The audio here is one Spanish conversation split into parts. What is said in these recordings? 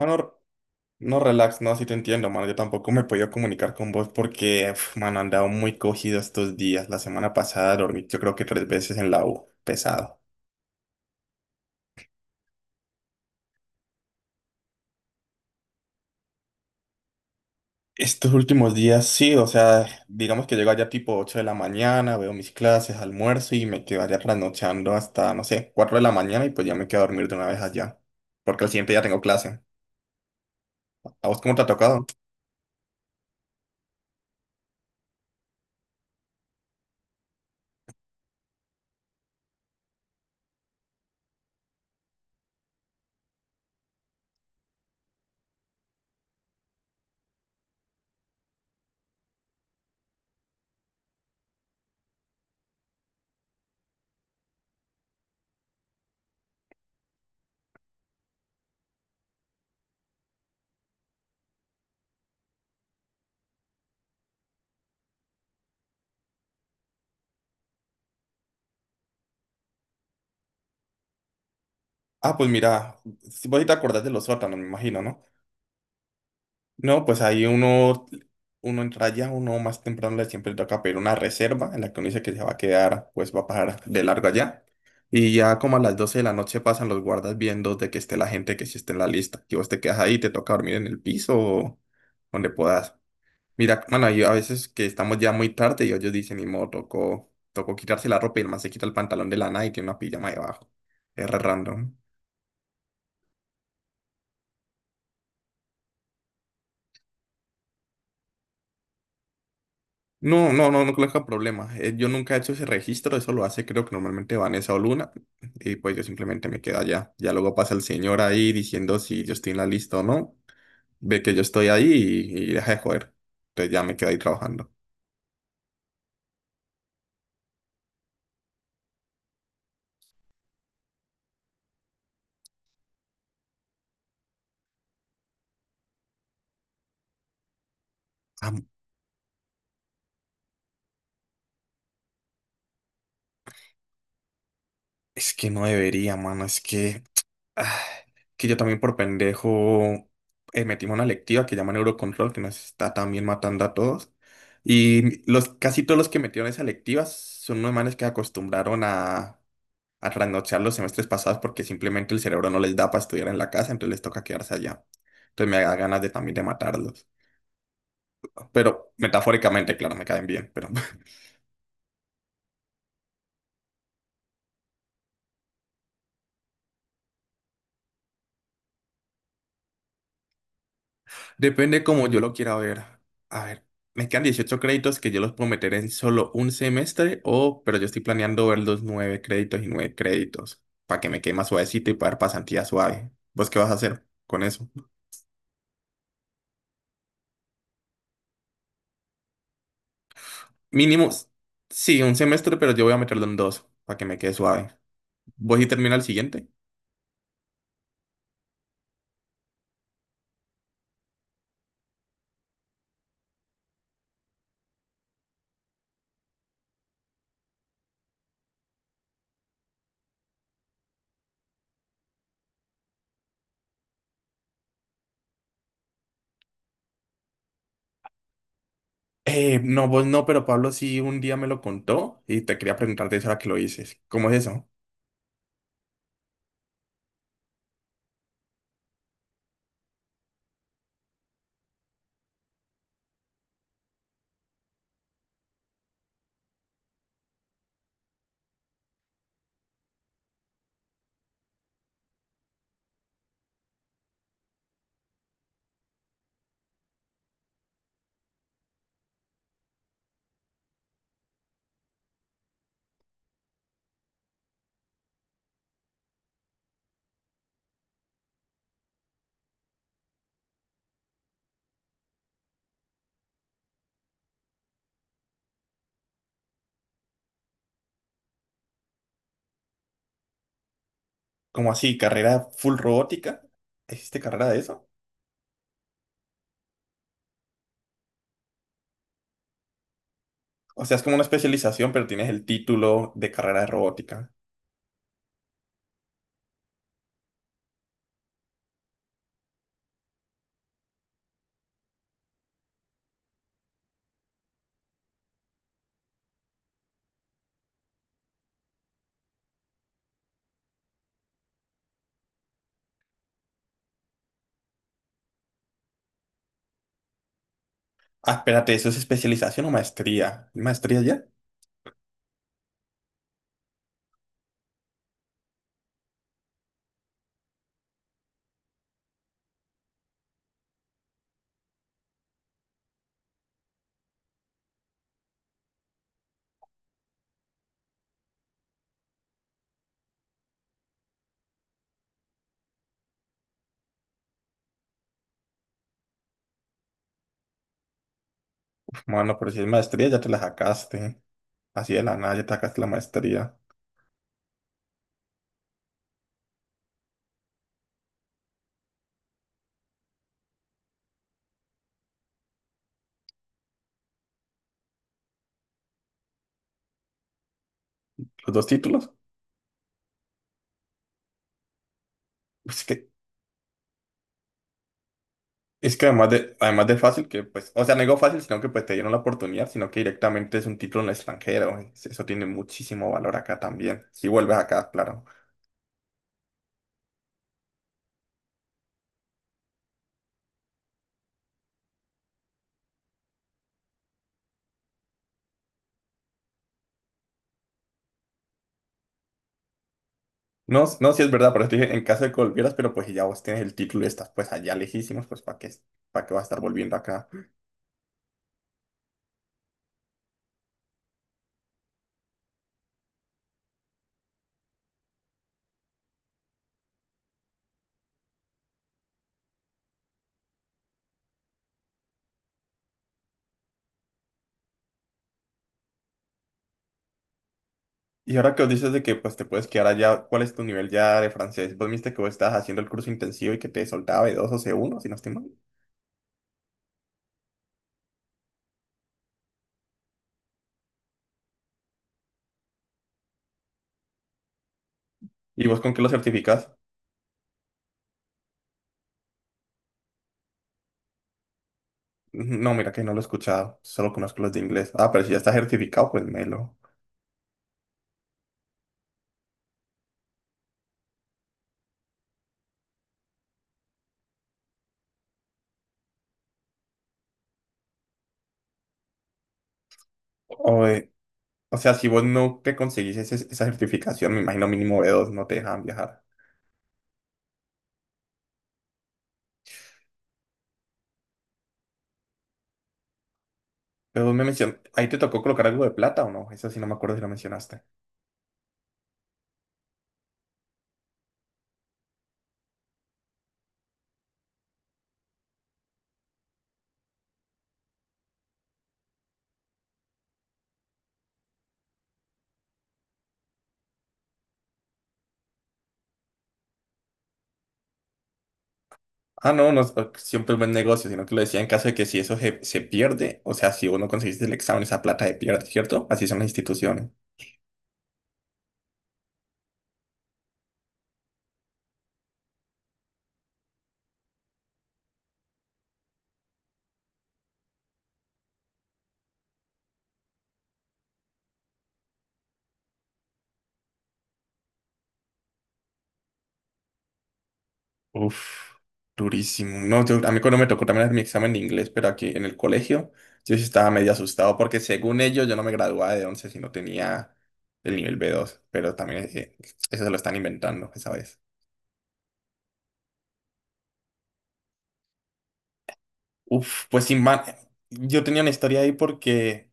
No, no, no, relax, no, sí te entiendo, mano. Yo tampoco me he podido comunicar con vos porque, uf, mano, he andado muy cogido estos días. La semana pasada dormí, yo creo que tres veces en la U, pesado. Estos últimos días sí, o sea, digamos que llego allá tipo 8 de la mañana, veo mis clases, almuerzo y me quedo allá trasnochando hasta, no sé, 4 de la mañana y pues ya me quedo a dormir de una vez allá, porque al siguiente ya tengo clase. ¿A vos cómo te ha tocado? Ah, pues mira, si vos sí te acordás de los sótanos, me imagino, ¿no? No, pues ahí uno entra ya, uno más temprano le siempre toca pedir una reserva en la que uno dice que se va a quedar, pues va a pasar de largo allá. Y ya como a las 12 de la noche pasan los guardas viendo de que esté la gente que sí esté en la lista. Que vos te quedas ahí, te toca dormir en el piso o donde puedas. Mira, bueno, yo a veces que estamos ya muy tarde y ellos dicen, ni modo, tocó, tocó quitarse la ropa y el man se quita el pantalón de lana y tiene una pijama debajo. Es re random. No, no, no, no coloca problema. Yo nunca he hecho ese registro, eso lo hace creo que normalmente Vanessa o Luna, y pues yo simplemente me quedo allá. Ya luego pasa el señor ahí diciendo si yo estoy en la lista o no, ve que yo estoy ahí y deja de joder. Entonces ya me quedo ahí trabajando. Ah, es que no debería, mano, es que, ah, que yo también por pendejo metimos una lectiva que llaman Eurocontrol, que nos está también matando a todos. Y los, casi todos los que metieron esa lectiva son unos manes que acostumbraron a trasnochar los semestres pasados porque simplemente el cerebro no les da para estudiar en la casa, entonces les toca quedarse allá. Entonces me da ganas de también de matarlos. Pero metafóricamente, claro, me caen bien, pero depende como yo lo quiera ver. A ver, me quedan 18 créditos que yo los puedo meter en solo un semestre pero yo estoy planeando ver los 9 créditos y 9 créditos para que me quede más suavecito y para dar pasantía suave. ¿Vos qué vas a hacer con eso? Mínimo, sí, un semestre, pero yo voy a meterlo en dos para que me quede suave. ¿Vos y termina el siguiente? No, vos no, pero Pablo sí un día me lo contó y te quería preguntarte eso ahora que lo dices. ¿Cómo es eso? ¿Cómo así? ¿Carrera full robótica? ¿Existe carrera de eso? O sea, es como una especialización, pero tienes el título de carrera de robótica. Ah, espérate, ¿eso es especialización o maestría? ¿Maestría ya? Bueno, pero si es maestría ya te la sacaste. Así de la nada ya te sacaste la maestría. ¿Los dos títulos? Pues es que Es que además de fácil, que pues, o sea, no digo fácil, sino que pues te dieron la oportunidad, sino que directamente es un título en el extranjero. Eso tiene muchísimo valor acá también. Si vuelves acá, claro. No, no, sí es verdad, pero eso te dije, en caso de que volvieras, pero pues si ya vos tienes el título y estás pues allá lejísimos, pues ¿para qué vas a estar volviendo acá? Y ahora que os dices de que pues te puedes quedar allá, ¿cuál es tu nivel ya de francés? Vos viste que vos estabas haciendo el curso intensivo y que te soltaba B2 o C1 si no estoy mal. ¿Y vos con qué lo certificas? No, mira que no lo he escuchado, solo conozco los de inglés. Ah, pero si ya está certificado, pues melo. O, eh, o sea, si vos no te conseguís esa certificación, me imagino mínimo B2 no te dejan viajar. Pero vos me mencionaste, ¿ahí te tocó colocar algo de plata o no? Eso sí no me acuerdo si lo mencionaste. Ah, no, no, pues, siempre es buen negocio, sino que lo decía en caso de que si eso se pierde, o sea, si vos no conseguiste el examen, esa plata se pierde, ¿cierto? Así son las instituciones. Uf, durísimo. No, a mí cuando me tocó también hacer mi examen de inglés, pero aquí en el colegio, yo sí estaba medio asustado porque según ellos yo no me graduaba de 11 si no tenía el nivel B2, pero también eso se lo están inventando esa vez. Uf, pues sin man, yo tenía una historia ahí porque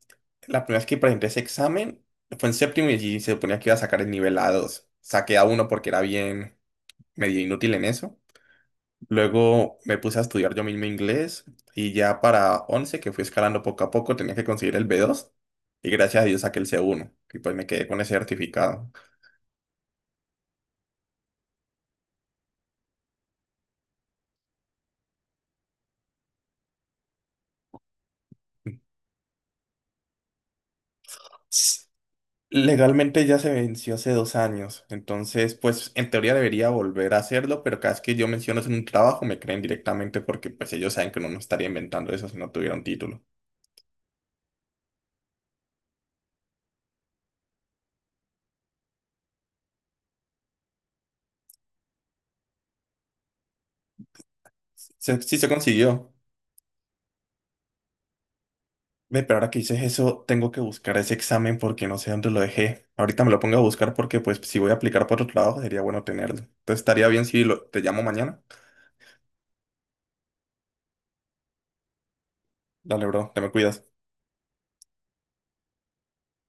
la primera vez que presenté ese examen fue en séptimo y allí se suponía que iba a sacar el nivel A2, saqué A1 porque era bien medio inútil en eso. Luego me puse a estudiar yo mismo inglés y ya para 11 que fui escalando poco a poco, tenía que conseguir el B2 y gracias a Dios saqué el C1 y pues me quedé con ese certificado. S- Legalmente ya se venció hace 2 años, entonces pues en teoría debería volver a hacerlo, pero cada vez que yo menciono eso en un trabajo me creen directamente porque pues ellos saben que uno no estaría inventando eso si no tuviera un título. Sí se consiguió. Ve, pero ahora que dices eso, tengo que buscar ese examen porque no sé dónde lo dejé. Ahorita me lo pongo a buscar porque, pues, si voy a aplicar por otro trabajo, sería bueno tenerlo. Entonces, estaría bien si lo, te llamo mañana. Dale, bro, te me cuidas.